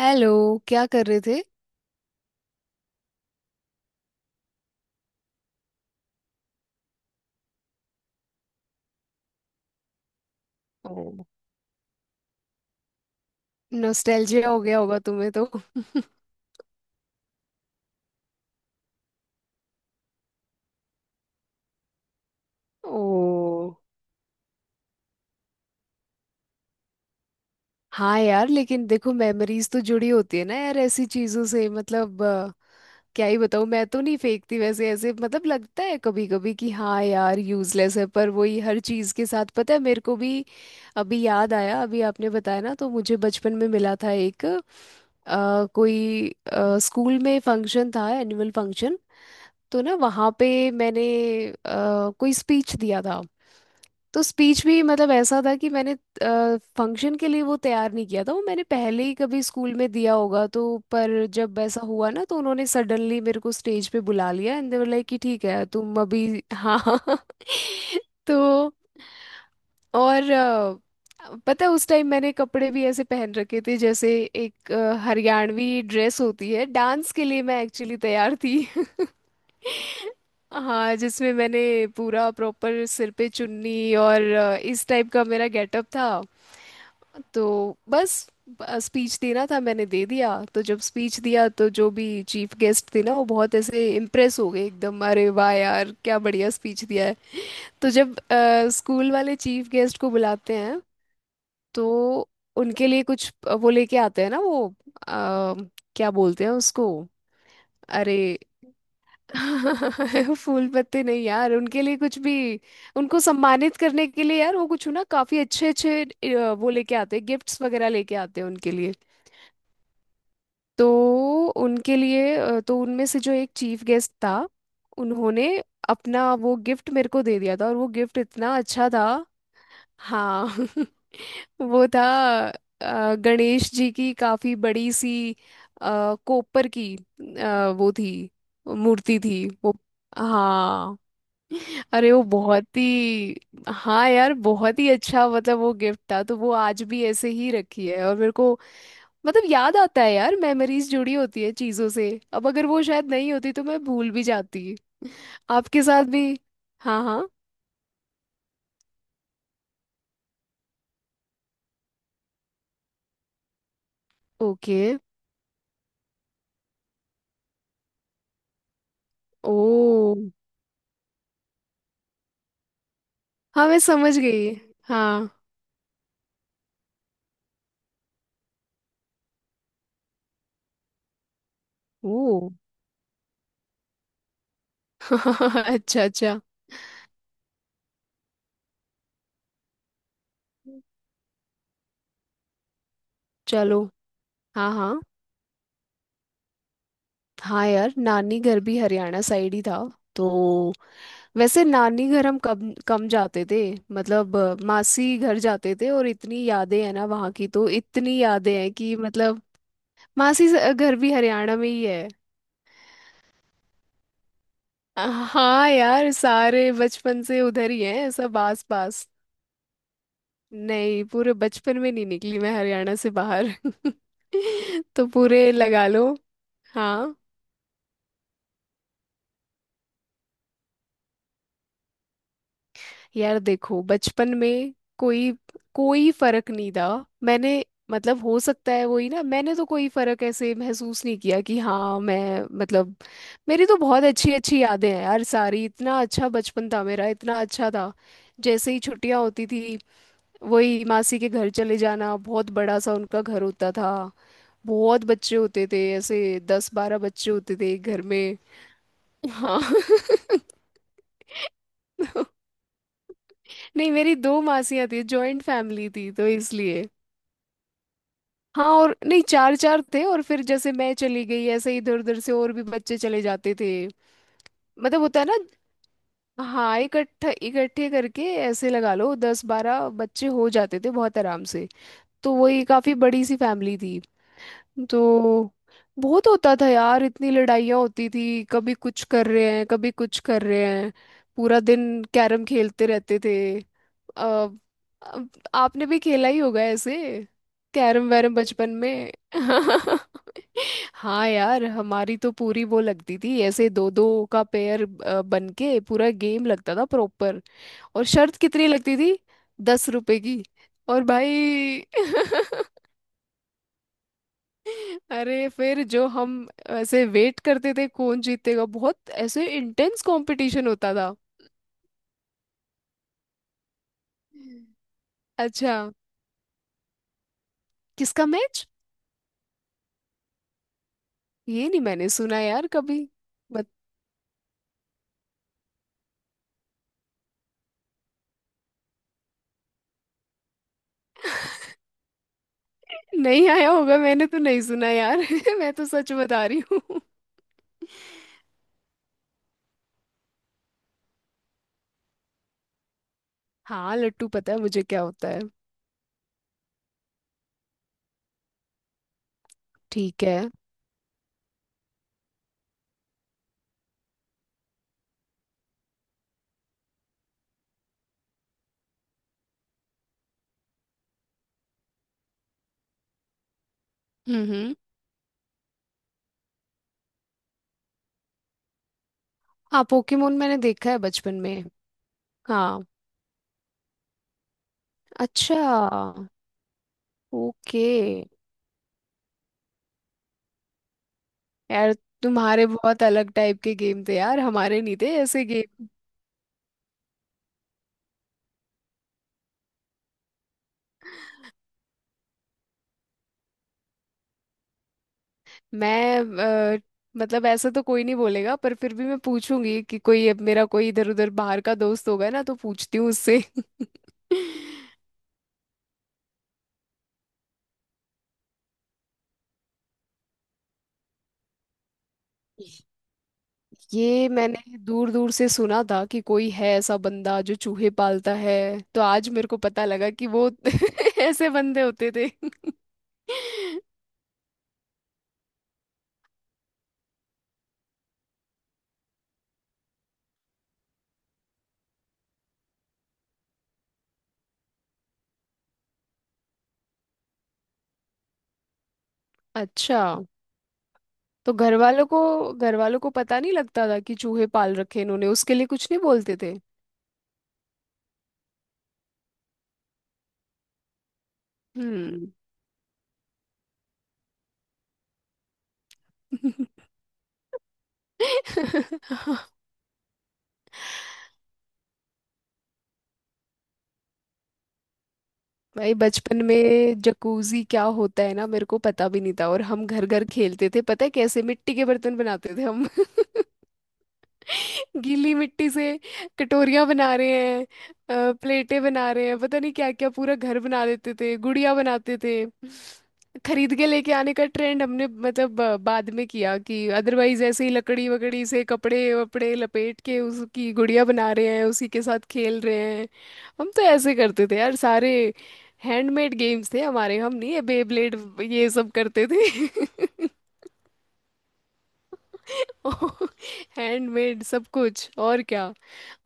Hello. क्या कर रहे थे? ओ, नोस्टैल्जिया हो गया होगा तुम्हें तो। ओ, हाँ यार, लेकिन देखो, मेमोरीज तो जुड़ी होती है ना यार ऐसी चीजों से। मतलब क्या ही बताऊँ, मैं तो नहीं फेंकती वैसे। ऐसे मतलब लगता है कभी कभी कि हाँ यार यूजलेस है, पर वही हर चीज के साथ, पता है मेरे को भी। अभी याद आया, अभी आपने बताया ना, तो मुझे बचपन में मिला था एक स्कूल में फंक्शन था, एनुअल फंक्शन। तो ना, वहाँ पे मैंने कोई स्पीच दिया था। तो स्पीच भी मतलब ऐसा था कि मैंने फंक्शन के लिए वो तैयार नहीं किया था, वो मैंने पहले ही कभी स्कूल में दिया होगा तो। पर जब ऐसा हुआ ना, तो उन्होंने सडनली मेरे को स्टेज पे बुला लिया, एंड दे वर लाइक कि ठीक है तुम अभी। हाँ। तो और पता है, उस टाइम मैंने कपड़े भी ऐसे पहन रखे थे जैसे एक हरियाणवी ड्रेस होती है डांस के लिए, मैं एक्चुअली तैयार थी। हाँ, जिसमें मैंने पूरा प्रॉपर सिर पे चुन्नी और इस टाइप का मेरा गेटअप था। तो बस, स्पीच देना था, मैंने दे दिया। तो जब स्पीच दिया, तो जो भी चीफ गेस्ट थे ना, वो बहुत ऐसे इम्प्रेस हो गए एकदम, अरे वाह यार क्या बढ़िया स्पीच दिया है। तो जब स्कूल वाले चीफ गेस्ट को बुलाते हैं, तो उनके लिए कुछ वो लेके आते हैं ना वो, क्या बोलते हैं उसको? अरे फूल पत्ते नहीं यार, उनके लिए कुछ भी उनको सम्मानित करने के लिए यार, वो कुछ ना काफी अच्छे अच्छे वो लेके आते हैं, गिफ्ट्स वगैरह लेके आते हैं उनके लिए। तो उनके लिए तो उनमें से जो एक चीफ गेस्ट था, उन्होंने अपना वो गिफ्ट मेरे को दे दिया था, और वो गिफ्ट इतना अच्छा था। हाँ। वो था गणेश जी की काफी बड़ी सी कोपर की वो थी, मूर्ति थी वो। हाँ, अरे वो बहुत ही, हाँ यार बहुत ही अच्छा, मतलब वो गिफ्ट था, तो वो आज भी ऐसे ही रखी है और मेरे को मतलब याद आता है यार, मेमोरीज जुड़ी होती है चीजों से। अब अगर वो शायद नहीं होती तो मैं भूल भी जाती। आपके साथ भी हाँ हाँ। ओके। ओ। हाँ, मैं समझ गई। हाँ। ओ। अच्छा अच्छा। चलो। हाँ हाँ, हाँ यार नानी घर भी हरियाणा साइड ही था तो। वैसे नानी घर हम कम कम जाते थे, मतलब मासी घर जाते थे। और इतनी यादें हैं ना वहाँ की, तो इतनी यादें हैं कि, मतलब घर भी हरियाणा में ही है। हाँ यार सारे बचपन से उधर ही हैं, सब आस पास। नहीं, पूरे बचपन में नहीं निकली मैं हरियाणा से बाहर। तो पूरे लगा लो। हाँ यार देखो, बचपन में कोई कोई फर्क नहीं था। मैंने, मतलब हो सकता है वही ना, मैंने तो कोई फर्क ऐसे महसूस नहीं किया कि हाँ मैं, मतलब मेरी तो बहुत अच्छी अच्छी यादें हैं यार सारी। इतना अच्छा बचपन था मेरा, इतना अच्छा था। जैसे ही छुट्टियां होती थी, वही मासी के घर चले जाना। बहुत बड़ा सा उनका घर होता था, बहुत बच्चे होते थे ऐसे। 10-12 बच्चे होते थे एक घर में। हाँ। तो नहीं, मेरी दो मासियां थी, जॉइंट फैमिली थी तो इसलिए। हाँ, और नहीं, चार चार थे, और फिर जैसे मैं चली गई ऐसे इधर उधर से और भी बच्चे चले जाते थे। मतलब होता है ना। हाँ, इकट्ठा इकट्ठे करके ऐसे लगा लो 10-12 बच्चे हो जाते थे बहुत आराम से। तो वही, काफी बड़ी सी फैमिली थी। तो बहुत होता था यार, इतनी लड़ाइयाँ होती थी, कभी कुछ कर रहे हैं कभी कुछ कर रहे हैं। पूरा दिन कैरम खेलते रहते थे। आ, आपने भी खेला ही होगा ऐसे कैरम वैरम बचपन में। हाँ यार, हमारी तो पूरी वो लगती थी ऐसे, दो दो का पेयर बन के पूरा गेम लगता था प्रॉपर। और शर्त कितनी लगती थी? 10 रुपए की। और भाई। अरे फिर जो हम ऐसे वेट करते थे कौन जीतेगा, बहुत ऐसे इंटेंस कंपटीशन होता था। अच्छा। किसका मैच? ये नहीं मैंने सुना यार कभी। बत, नहीं आया होगा, मैंने तो नहीं सुना यार। मैं तो सच बता रही हूँ। हाँ, लट्टू पता है मुझे क्या होता है। ठीक है। हम्म। हाँ, पोकेमोन मैंने देखा है बचपन में। हाँ। अच्छा। ओके। यार तुम्हारे बहुत अलग टाइप के गेम थे यार, हमारे नहीं थे ऐसे गेम। मैं अ, मतलब ऐसा तो कोई नहीं बोलेगा, पर फिर भी मैं पूछूंगी कि कोई, अब मेरा कोई इधर उधर बाहर का दोस्त होगा ना तो पूछती हूँ उससे। ये मैंने दूर दूर से सुना था कि कोई है ऐसा बंदा जो चूहे पालता है। तो आज मेरे को पता लगा कि वो ऐसे बंदे होते थे। अच्छा। तो घर वालों को पता नहीं लगता था कि चूहे पाल रखे इन्होंने, उसके लिए कुछ नहीं बोलते थे। हम्म। भाई, बचपन में जकूजी क्या होता है ना, मेरे को पता भी नहीं था। और हम घर घर खेलते थे, पता है कैसे? मिट्टी के बर्तन बनाते थे हम। गीली मिट्टी से कटोरियां बना रहे हैं, प्लेटें बना रहे हैं, पता नहीं क्या क्या, पूरा घर बना देते थे, गुड़िया बनाते थे। खरीद के लेके आने का ट्रेंड हमने मतलब बाद में किया, कि अदरवाइज ऐसे ही लकड़ी वकड़ी से कपड़े वपड़े लपेट के उसकी गुड़िया बना रहे हैं, उसी के साथ खेल रहे हैं। हम तो ऐसे करते थे यार सारे, हैंडमेड गेम्स थे हमारे। हम नहीं ये बेब्लेड, ये सब करते थे। हैंडमेड सब कुछ, और क्या?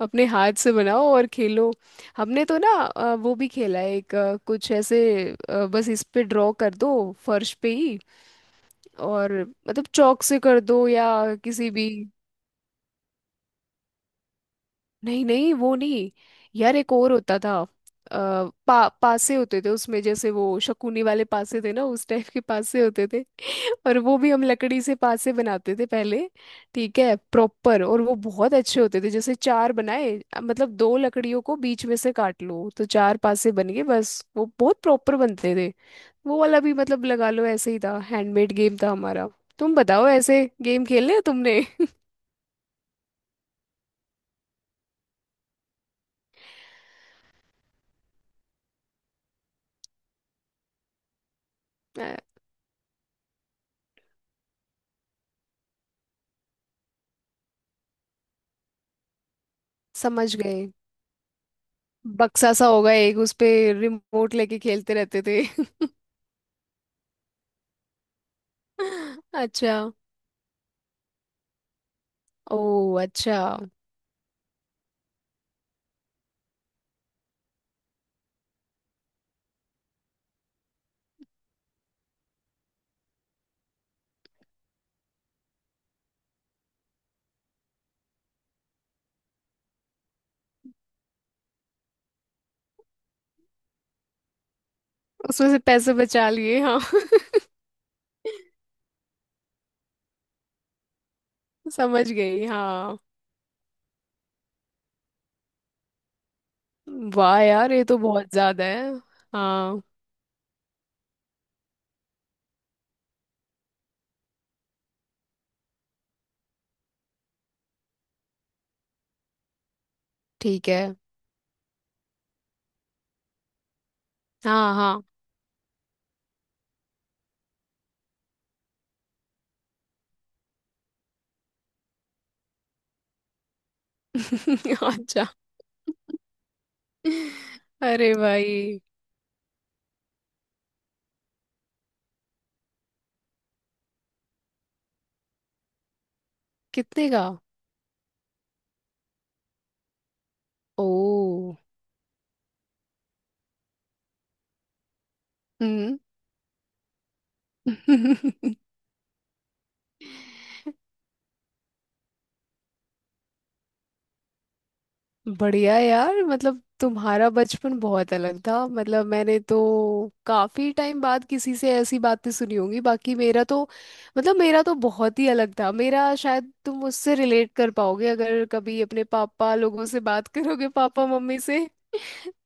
अपने हाथ से बनाओ और खेलो। हमने तो ना वो भी खेला है एक, कुछ ऐसे, बस इस पे ड्रॉ कर दो, फर्श पे ही। और मतलब चौक से कर दो, या किसी भी। नहीं नहीं, वो नहीं। यार एक और होता था। पासे होते थे उसमें जैसे, वो शकुनी वाले पासे थे ना, उस टाइप के पासे होते थे। और वो भी हम लकड़ी से पासे बनाते थे पहले। ठीक है प्रॉपर। और वो बहुत अच्छे होते थे, जैसे चार बनाए, मतलब दो लकड़ियों को बीच में से काट लो तो चार पासे बन गए, बस। वो बहुत प्रॉपर बनते थे। वो वाला भी मतलब लगा लो ऐसे ही था, हैंडमेड गेम था हमारा। तुम बताओ ऐसे गेम खेले हैं तुमने? अ, समझ गए। बक्सा सा होगा एक, उस पे रिमोट लेके खेलते रहते थे। अच्छा। ओ अच्छा। उसमें से पैसे बचा लिए हाँ। समझ गई हाँ। वाह यार, ये तो बहुत ज्यादा है। हाँ। ठीक है। हाँ हाँ। अच्छा। अरे भाई। कितने का? ओ। हम्म। बढ़िया यार, मतलब तुम्हारा बचपन बहुत अलग था। मतलब मैंने तो काफी टाइम बाद किसी से ऐसी बातें सुनी होंगी। बाकी मेरा तो, मतलब मेरा तो बहुत ही अलग था। मेरा शायद तुम उससे रिलेट कर पाओगे अगर कभी अपने पापा लोगों से बात करोगे, पापा मम्मी से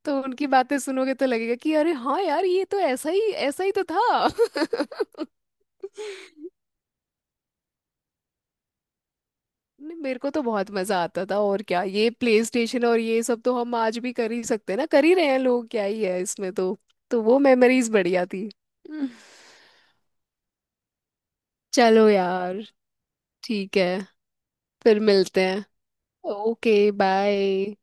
तो उनकी बातें सुनोगे तो लगेगा कि अरे हाँ यार ये तो ऐसा ही, ऐसा ही तो था। नहीं, मेरे को तो बहुत मजा आता था। और क्या ये प्ले स्टेशन और ये सब तो हम आज भी कर ही सकते हैं ना, कर ही रहे हैं लोग, क्या ही है इसमें तो। तो वो मेमोरीज बढ़िया थी। हम्म। चलो यार, ठीक है। फिर मिलते हैं। ओके। बाय।